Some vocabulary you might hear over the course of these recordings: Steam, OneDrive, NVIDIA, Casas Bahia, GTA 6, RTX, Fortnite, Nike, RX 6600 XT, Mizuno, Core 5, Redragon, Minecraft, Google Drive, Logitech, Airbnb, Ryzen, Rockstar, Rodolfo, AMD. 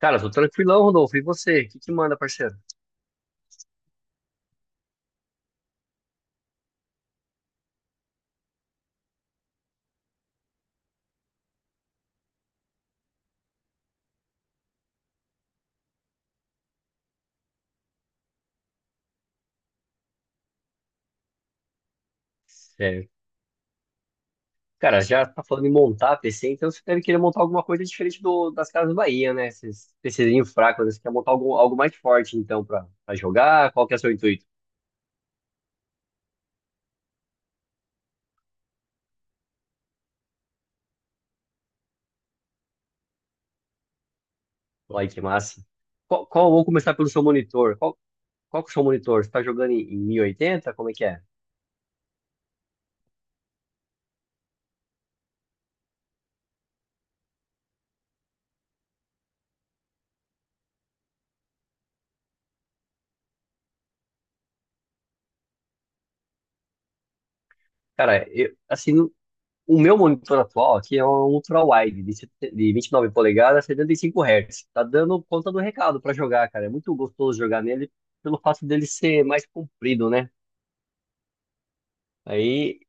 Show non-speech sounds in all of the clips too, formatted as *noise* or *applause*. Cara, tô tranquilão, Rodolfo. E você? O que que manda, parceiro? É, cara, já tá falando em montar PC, então você deve querer montar alguma coisa diferente das Casas Bahia, né? Esses PCzinhos fracos, né? Você quer montar algo mais forte, então, pra jogar? Qual que é o seu intuito? Olha que massa. Vamos começar pelo seu monitor. Qual que é o seu monitor? Você tá jogando em, em 1080? Como é que é? Cara, o meu monitor atual aqui é um ultra-wide, de 29 polegadas, 75 Hz. Tá dando conta do recado pra jogar, cara. É muito gostoso jogar nele pelo fato dele ser mais comprido, né? Aí,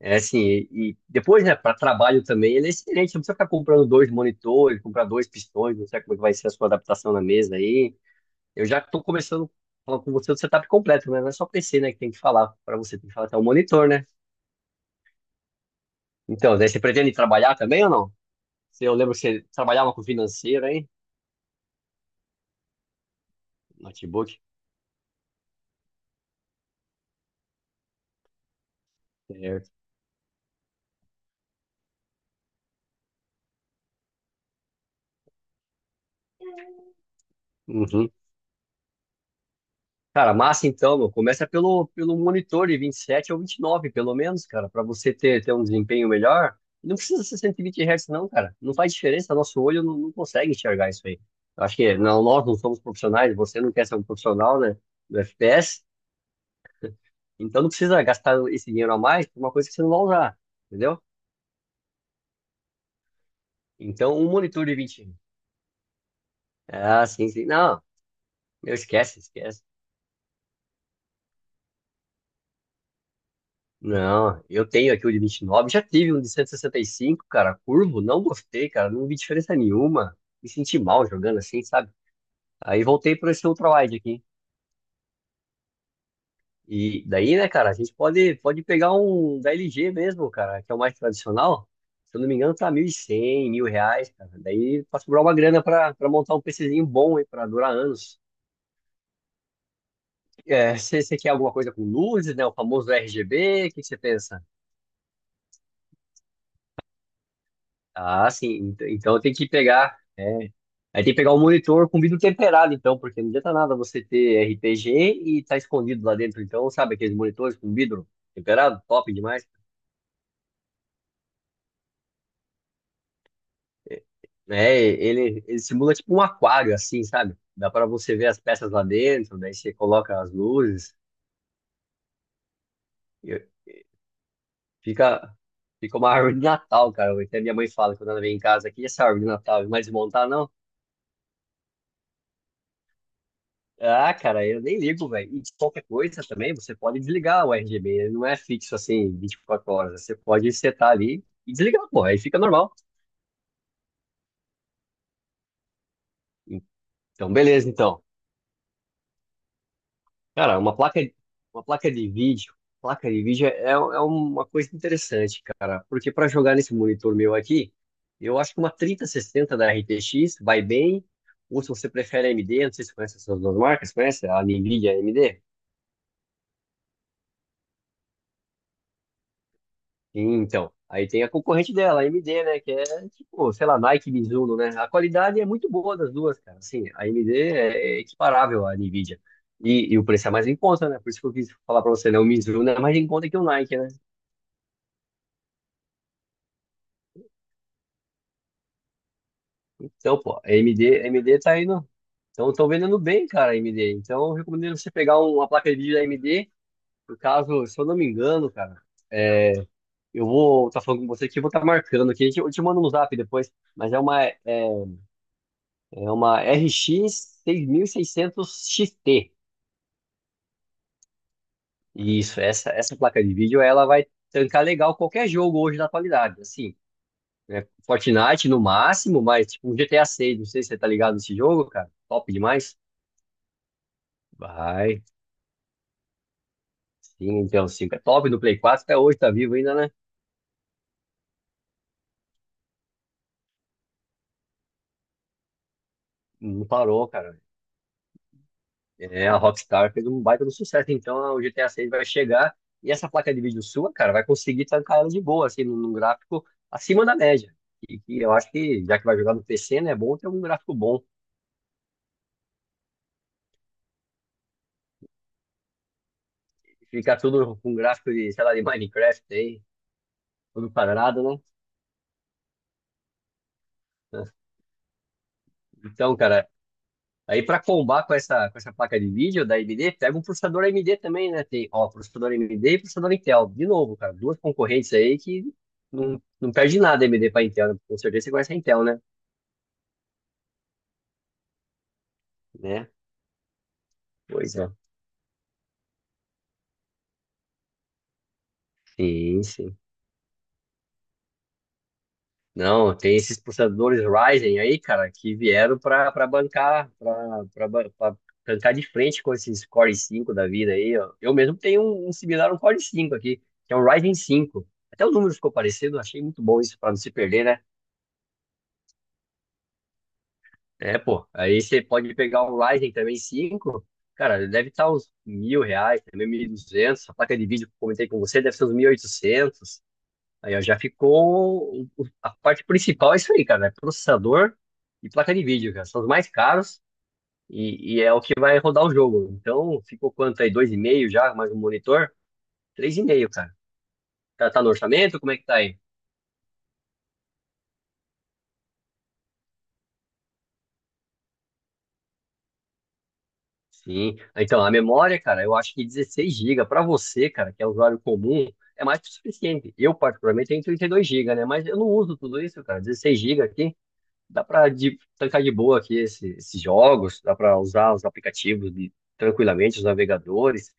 é assim, e depois, né, para trabalho também, ele é excelente. Não precisa ficar comprando dois monitores, comprar dois pistões, não sei como é que vai ser a sua adaptação na mesa aí. Eu já tô começando a falar com você do setup completo, né? Não é só PC, né, que tem que falar. Pra você tem que falar até o monitor, né? Então, daí você pretende trabalhar também ou não? Se eu lembro que você trabalhava com financeiro, hein? Notebook? Certo. Uhum. Cara, massa então, meu. Começa pelo monitor de 27 ou 29, pelo menos, cara, para você ter um desempenho melhor. Não precisa ser 120 Hz, não, cara. Não faz diferença, nosso olho não consegue enxergar isso aí. Eu acho que não, nós não somos profissionais, você não quer ser um profissional, né, do FPS, então não precisa gastar esse dinheiro a mais por uma coisa que você não vai usar, entendeu? Então, um monitor de 20. Ah, sim, sim. Não, meu, esquece, esquece. Não, eu tenho aqui o de 29. Já tive um de cento e sessenta e cinco, cara, curvo, não gostei, cara, não vi diferença nenhuma, me senti mal jogando assim, sabe? Aí voltei para esse ultrawide aqui. E daí, né, cara, a gente pode pegar um da LG mesmo, cara, que é o mais tradicional. Se eu não me engano, tá 1.100 mil reais, cara. Daí pra sobrar uma grana pra montar um PCzinho bom aí, pra durar anos. É, você quer alguma coisa com luzes, né? O famoso RGB, o que você pensa? Ah, sim. Então tem que pegar. É. Aí tem que pegar o monitor com vidro temperado, então, porque não adianta nada você ter RPG e tá escondido lá dentro. Então, sabe aqueles monitores com vidro temperado? Top demais. É, ele simula tipo um aquário, assim, sabe? Dá para você ver as peças lá dentro, daí você coloca as luzes. e fica, fica uma *laughs* árvore de Natal, cara. Até minha mãe fala quando ela vem em casa aqui, essa árvore de Natal, vai desmontar, não? Ah, cara, eu nem ligo, velho. E qualquer coisa também, você pode desligar o RGB. Ele não é fixo assim, 24 horas. Você pode setar ali e desligar, pô. Aí fica normal. Então, beleza, então. Cara, uma placa de vídeo é uma coisa interessante, cara. Porque para jogar nesse monitor meu aqui, eu acho que uma 3060 da RTX vai bem. Ou se você prefere AMD, não sei se você conhece essas duas marcas, conhece? A NVIDIA e a AMD? Sim, então, aí tem a concorrente dela, a AMD, né? Que é tipo, sei lá, Nike, Mizuno, né? A qualidade é muito boa das duas, cara. Assim, a AMD é equiparável à Nvidia. E o preço é mais em conta, né? Por isso que eu quis falar pra você, né? O Mizuno é mais em conta que o Nike, né? Então, pô, a AMD tá indo. Então, estão vendendo bem, cara, a AMD. Então, eu recomendo você pegar uma placa de vídeo da AMD. No caso, se eu não me engano, cara, é, eu vou estar falando com você aqui, eu vou estar marcando aqui. Eu te mando no zap depois. É uma RX 6600 XT. Isso, essa placa de vídeo ela vai tancar legal qualquer jogo hoje na atualidade, assim, né? Fortnite no máximo, mas tipo um GTA 6, não sei se você tá ligado nesse jogo, cara. Top demais. Vai. Sim, então 5 é top no Play 4 até hoje tá vivo ainda, né? Não parou, cara. É, a Rockstar fez um baita do sucesso, então o GTA 6 vai chegar e essa placa de vídeo sua, cara, vai conseguir tancar ela de boa, assim, num gráfico acima da média. E, que eu acho que, já que vai jogar no PC, né, é bom ter um gráfico bom. Ficar tudo com gráfico de, sei lá, de Minecraft aí, tudo quadrado, né? Então, cara, aí pra combar com essa placa de vídeo da AMD, pega um processador AMD também, né? Tem, ó, processador AMD e processador Intel. De novo, cara, duas concorrentes aí que não perde nada a AMD pra Intel, né? Com certeza você conhece a Intel, né? Né? Pois é. Sim, sim. Não, tem esses processadores Ryzen aí, cara, que vieram para bancar, para bancar de frente com esses Core 5 da vida aí, ó. Eu mesmo tenho um similar, um Core 5 aqui, que é um Ryzen 5. Até o número ficou parecido, achei muito bom isso para não se perder, né? É, pô. Aí você pode pegar um Ryzen também 5, cara, deve estar uns 1.000 reais, também 1.200. A placa de vídeo que eu comentei com você deve ser uns 1.800. Aí ó, já ficou. A parte principal é isso aí, cara. É processador e placa de vídeo, cara. São os mais caros e é o que vai rodar o jogo. Então, ficou quanto aí? Dois e meio já, mais um monitor? Três e meio, cara. Tá, tá no orçamento? Como é que tá aí? Sim. Ah, então, a memória, cara, eu acho que 16 gigas para você, cara, que é usuário comum, é mais que o suficiente. Eu, particularmente, tenho 32 gigas, né? Mas eu não uso tudo isso, cara. 16 gigas aqui. Dá para trancar de boa aqui esses jogos, dá para usar os aplicativos tranquilamente, os navegadores,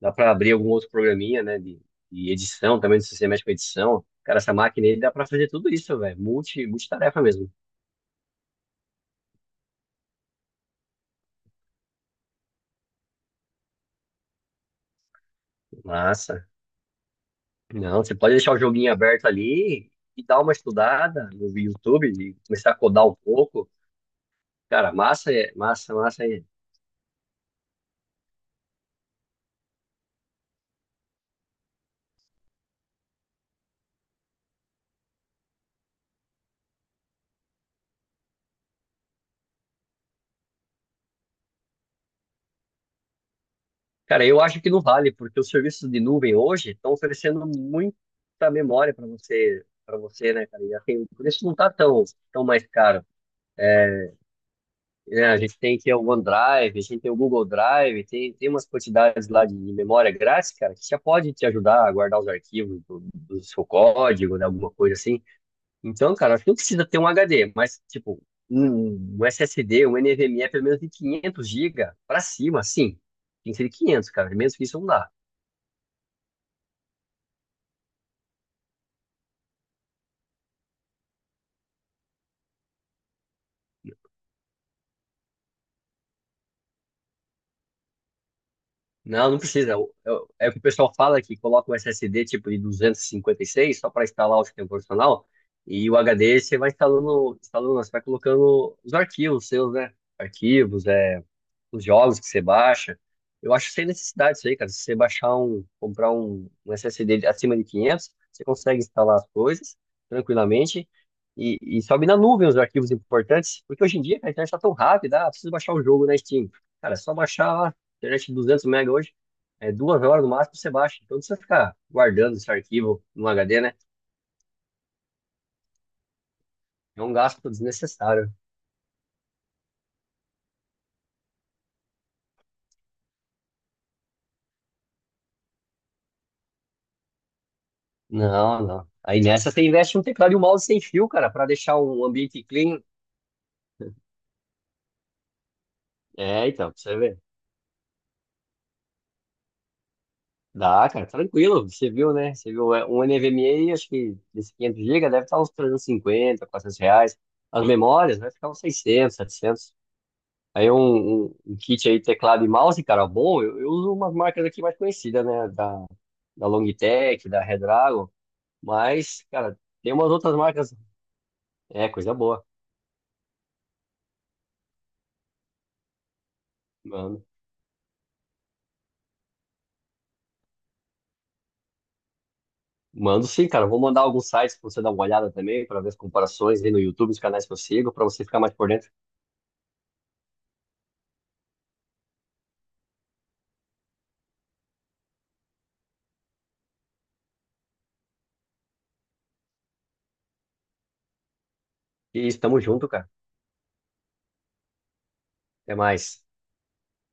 dá para abrir algum outro programinha, né, de edição também, se você mexe com edição. Cara, essa máquina aí dá para fazer tudo isso, velho, multitarefa mesmo. Massa. Não, você pode deixar o joguinho aberto ali e dar uma estudada no YouTube e começar a codar um pouco. Cara, massa, massa, massa. Cara, eu acho que não vale, porque os serviços de nuvem hoje estão oferecendo muita memória para você, né, cara? E assim, o preço não está tão mais caro. Né? A gente tem que o OneDrive, a gente tem o Google Drive, tem umas quantidades lá de memória grátis, cara, que já pode te ajudar a guardar os arquivos do seu código, né, alguma coisa assim. Então, cara, acho que não precisa ter um HD, mas, tipo, um SSD, um NVMe, pelo menos de 500 GB para cima, sim. Tem que ser de 500, cara, menos que isso não dá. Não, não precisa. É o que o pessoal fala que coloca um SSD tipo de duzentos e cinquenta e seis só para instalar o sistema operacional e o HD você vai instalando, instalando, você vai colocando os arquivos seus, né? Arquivos, é, os jogos que você baixa. Eu acho sem necessidade isso aí, cara. Se você comprar um SSD acima de 500, você consegue instalar as coisas tranquilamente e sobe na nuvem os arquivos importantes, porque hoje em dia cara, a internet está tão rápida. Ah, preciso baixar o jogo na Steam. Cara, é só baixar lá, internet de 200 mega hoje, é 2 horas no máximo você baixa. Então não precisa ficar guardando esse arquivo no HD, né? É um gasto desnecessário. Não, não. Aí nessa você investe um teclado e um mouse sem fio, cara, para deixar um ambiente clean. É, então, pra você ver. Dá, cara, tranquilo. Você viu, né? Você viu um NVMe, acho que desse 500 GB deve estar uns trezentos e cinquenta, 400 reais. As memórias vai ficar uns seiscentos, setecentos. Aí um kit aí, teclado e mouse, cara, bom. Eu uso umas marcas aqui mais conhecidas, né? Da Logitech, da Redragon. Mas, cara, tem umas outras marcas. É, coisa boa. Mano. Mando sim, cara. Vou mandar alguns sites pra você dar uma olhada também, pra ver as comparações aí no YouTube, os canais que eu sigo, pra você ficar mais por dentro. E estamos junto, cara. Até mais.